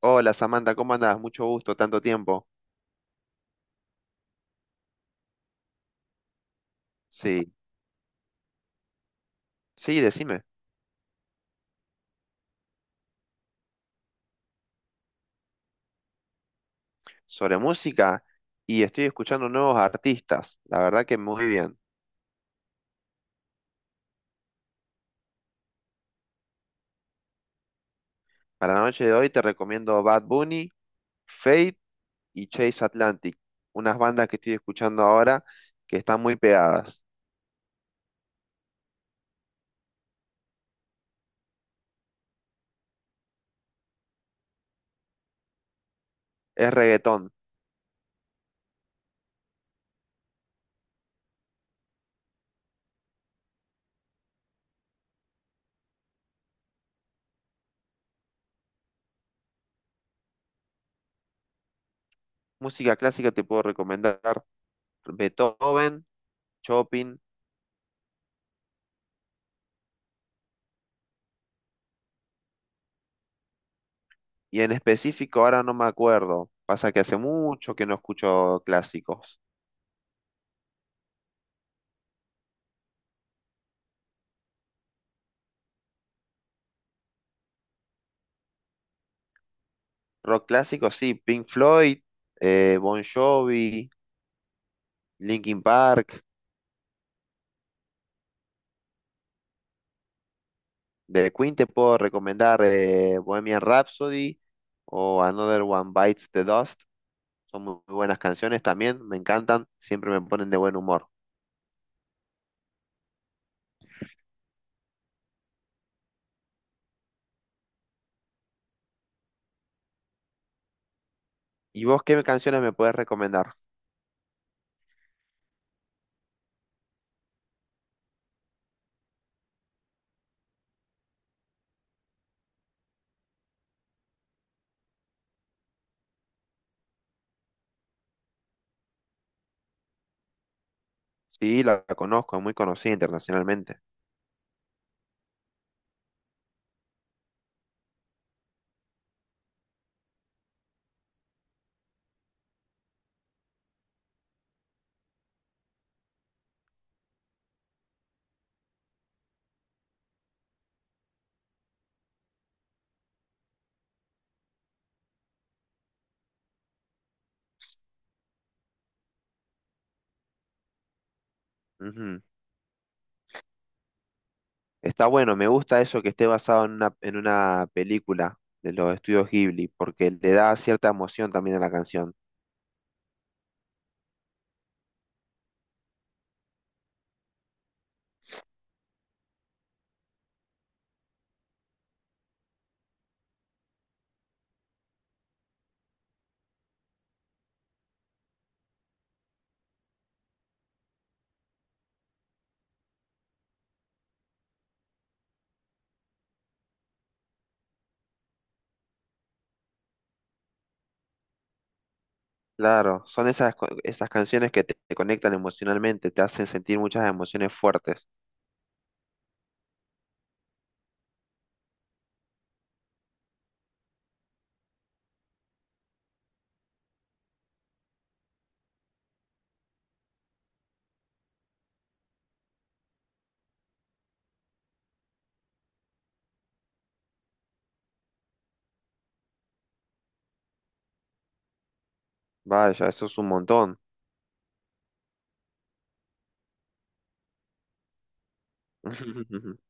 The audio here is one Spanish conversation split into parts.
Hola Samantha, ¿cómo andás? Mucho gusto, tanto tiempo. Sí, sí, decime. Sobre música y estoy escuchando nuevos artistas, la verdad que muy bien. Para la noche de hoy te recomiendo Bad Bunny, Fate y Chase Atlantic, unas bandas que estoy escuchando ahora que están muy pegadas. Es reggaetón. Música clásica te puedo recomendar Beethoven, Chopin y en específico ahora no me acuerdo. Pasa que hace mucho que no escucho clásicos. Rock clásico, sí, Pink Floyd, Bon Jovi, Linkin Park, de Queen te puedo recomendar Bohemian Rhapsody o Another One Bites the Dust. Son muy buenas canciones también, me encantan, siempre me ponen de buen humor. ¿Y vos qué canciones me puedes recomendar? Sí, la conozco, es muy conocida internacionalmente. Ujú. Está bueno, me gusta eso que esté basado en una película de los estudios Ghibli, porque le da cierta emoción también a la canción. Claro, son esas canciones que te conectan emocionalmente, te hacen sentir muchas emociones fuertes. Vaya, eso es un montón.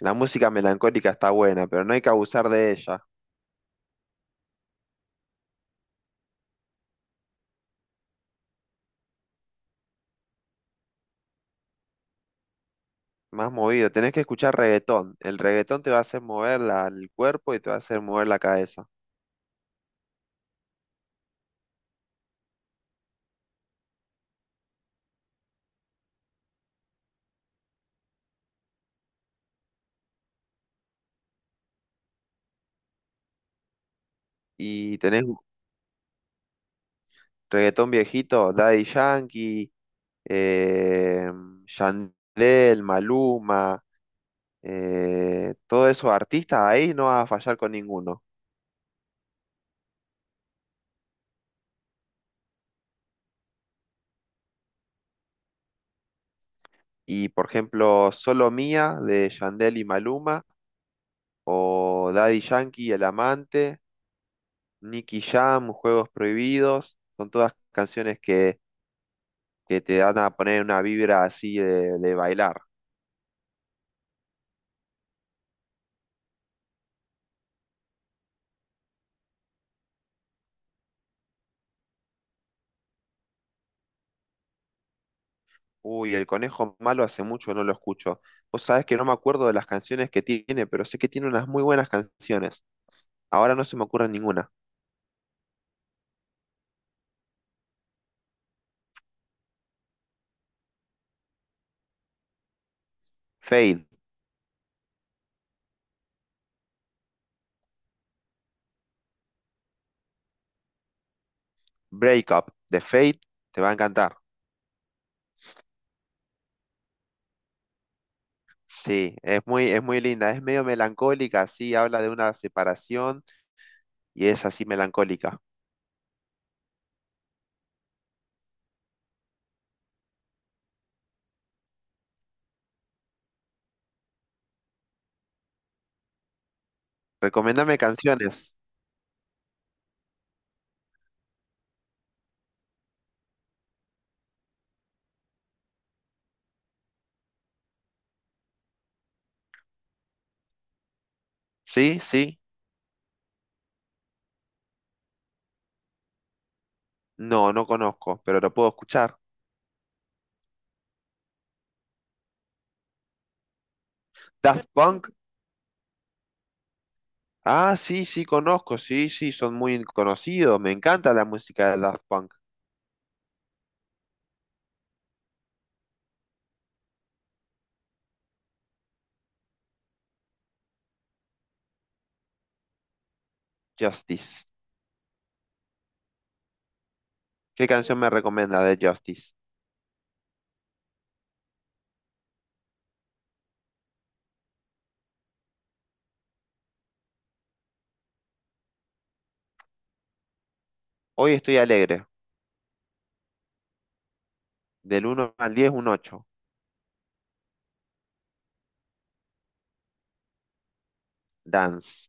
La música melancólica está buena, pero no hay que abusar de ella. Más movido, tenés que escuchar reggaetón. El reggaetón te va a hacer mover el cuerpo y te va a hacer mover la cabeza. Y tenés reggaetón viejito, Daddy Yankee, eh, Yandel, Maluma, todos esos artistas, ahí no vas a fallar con ninguno. Y por ejemplo, Solo Mía de Yandel y Maluma, o Daddy Yankee y El Amante, Nicky Jam, Juegos Prohibidos, son todas canciones que te dan a poner una vibra así de bailar. Uy, El Conejo Malo hace mucho no lo escucho. Vos sabés que no me acuerdo de las canciones que tiene, pero sé que tiene unas muy buenas canciones. Ahora no se me ocurre ninguna. Fade, Break Up, de Fade, te va a encantar. Sí, es muy linda, es medio melancólica, sí, habla de una separación y es así melancólica. Recomiéndame canciones. ¿Sí? ¿Sí? No, no conozco, pero lo puedo escuchar. Daft Punk. Ah, sí, sí, conozco. Sí, sí, son muy conocidos. Me encanta la música de Daft Punk. Justice. ¿Qué canción me recomienda de Justice? Hoy estoy alegre. Del 1 al 10, un 8. Dance.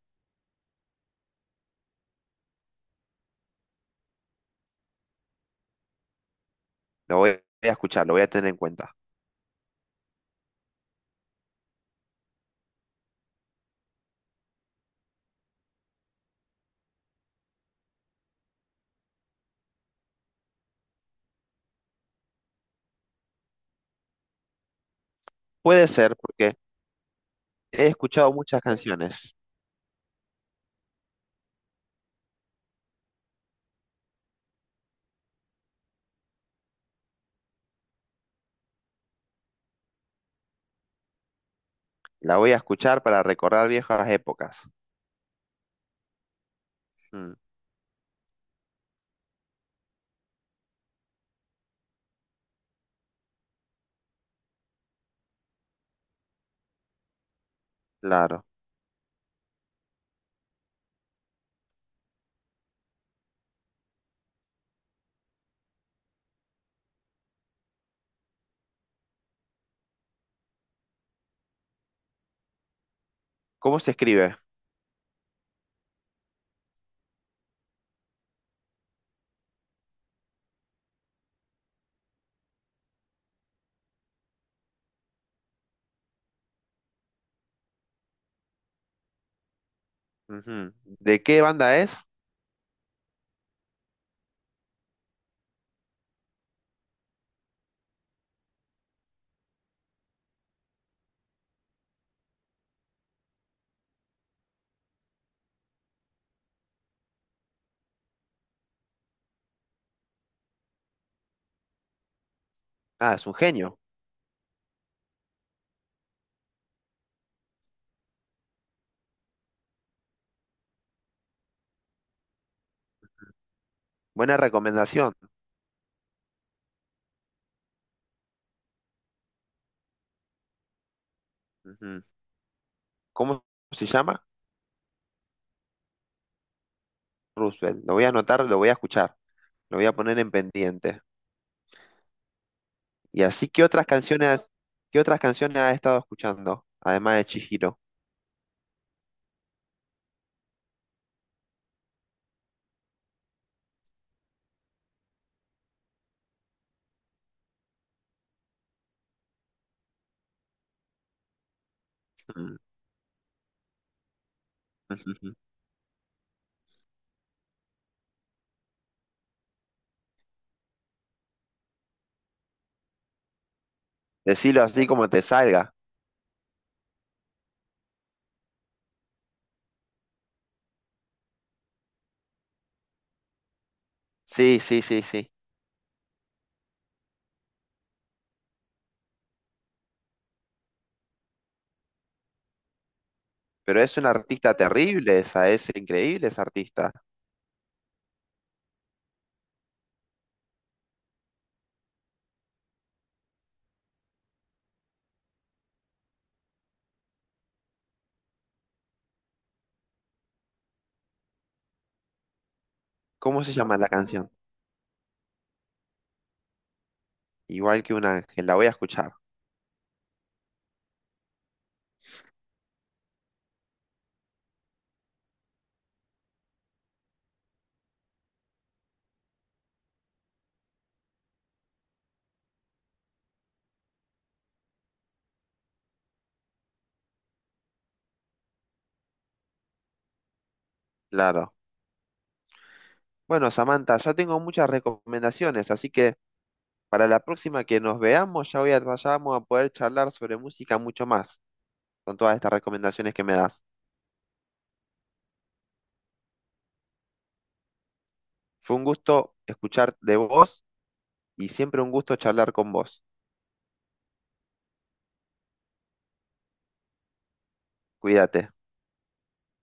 Lo voy a escuchar, lo voy a tener en cuenta. Puede ser porque he escuchado muchas canciones. La voy a escuchar para recordar viejas épocas. Mm, claro. ¿Cómo se escribe? Ujú. ¿De qué banda es? Ah, es un genio. Buena recomendación. Ujú. ¿Cómo se llama? Roosevelt. Lo voy a anotar, lo voy a escuchar. Lo voy a poner en pendiente. Y así, ¿qué otras canciones has estado escuchando? Además de Chihiro. Mm, ujú. Ujú. Decilo así como te salga. Sí, sí, sí, sí. Pero es una artista terrible esa, es increíble esa artista. ¿Cómo se llama la canción? Igual que un ángel, la voy a escuchar. Claro. Bueno, Samantha, ya tengo muchas recomendaciones, así que para la próxima que nos veamos, ya vamos a poder charlar sobre música mucho más, con todas estas recomendaciones que me das. Fue un gusto escuchar de vos y siempre un gusto charlar con vos. Cuídate.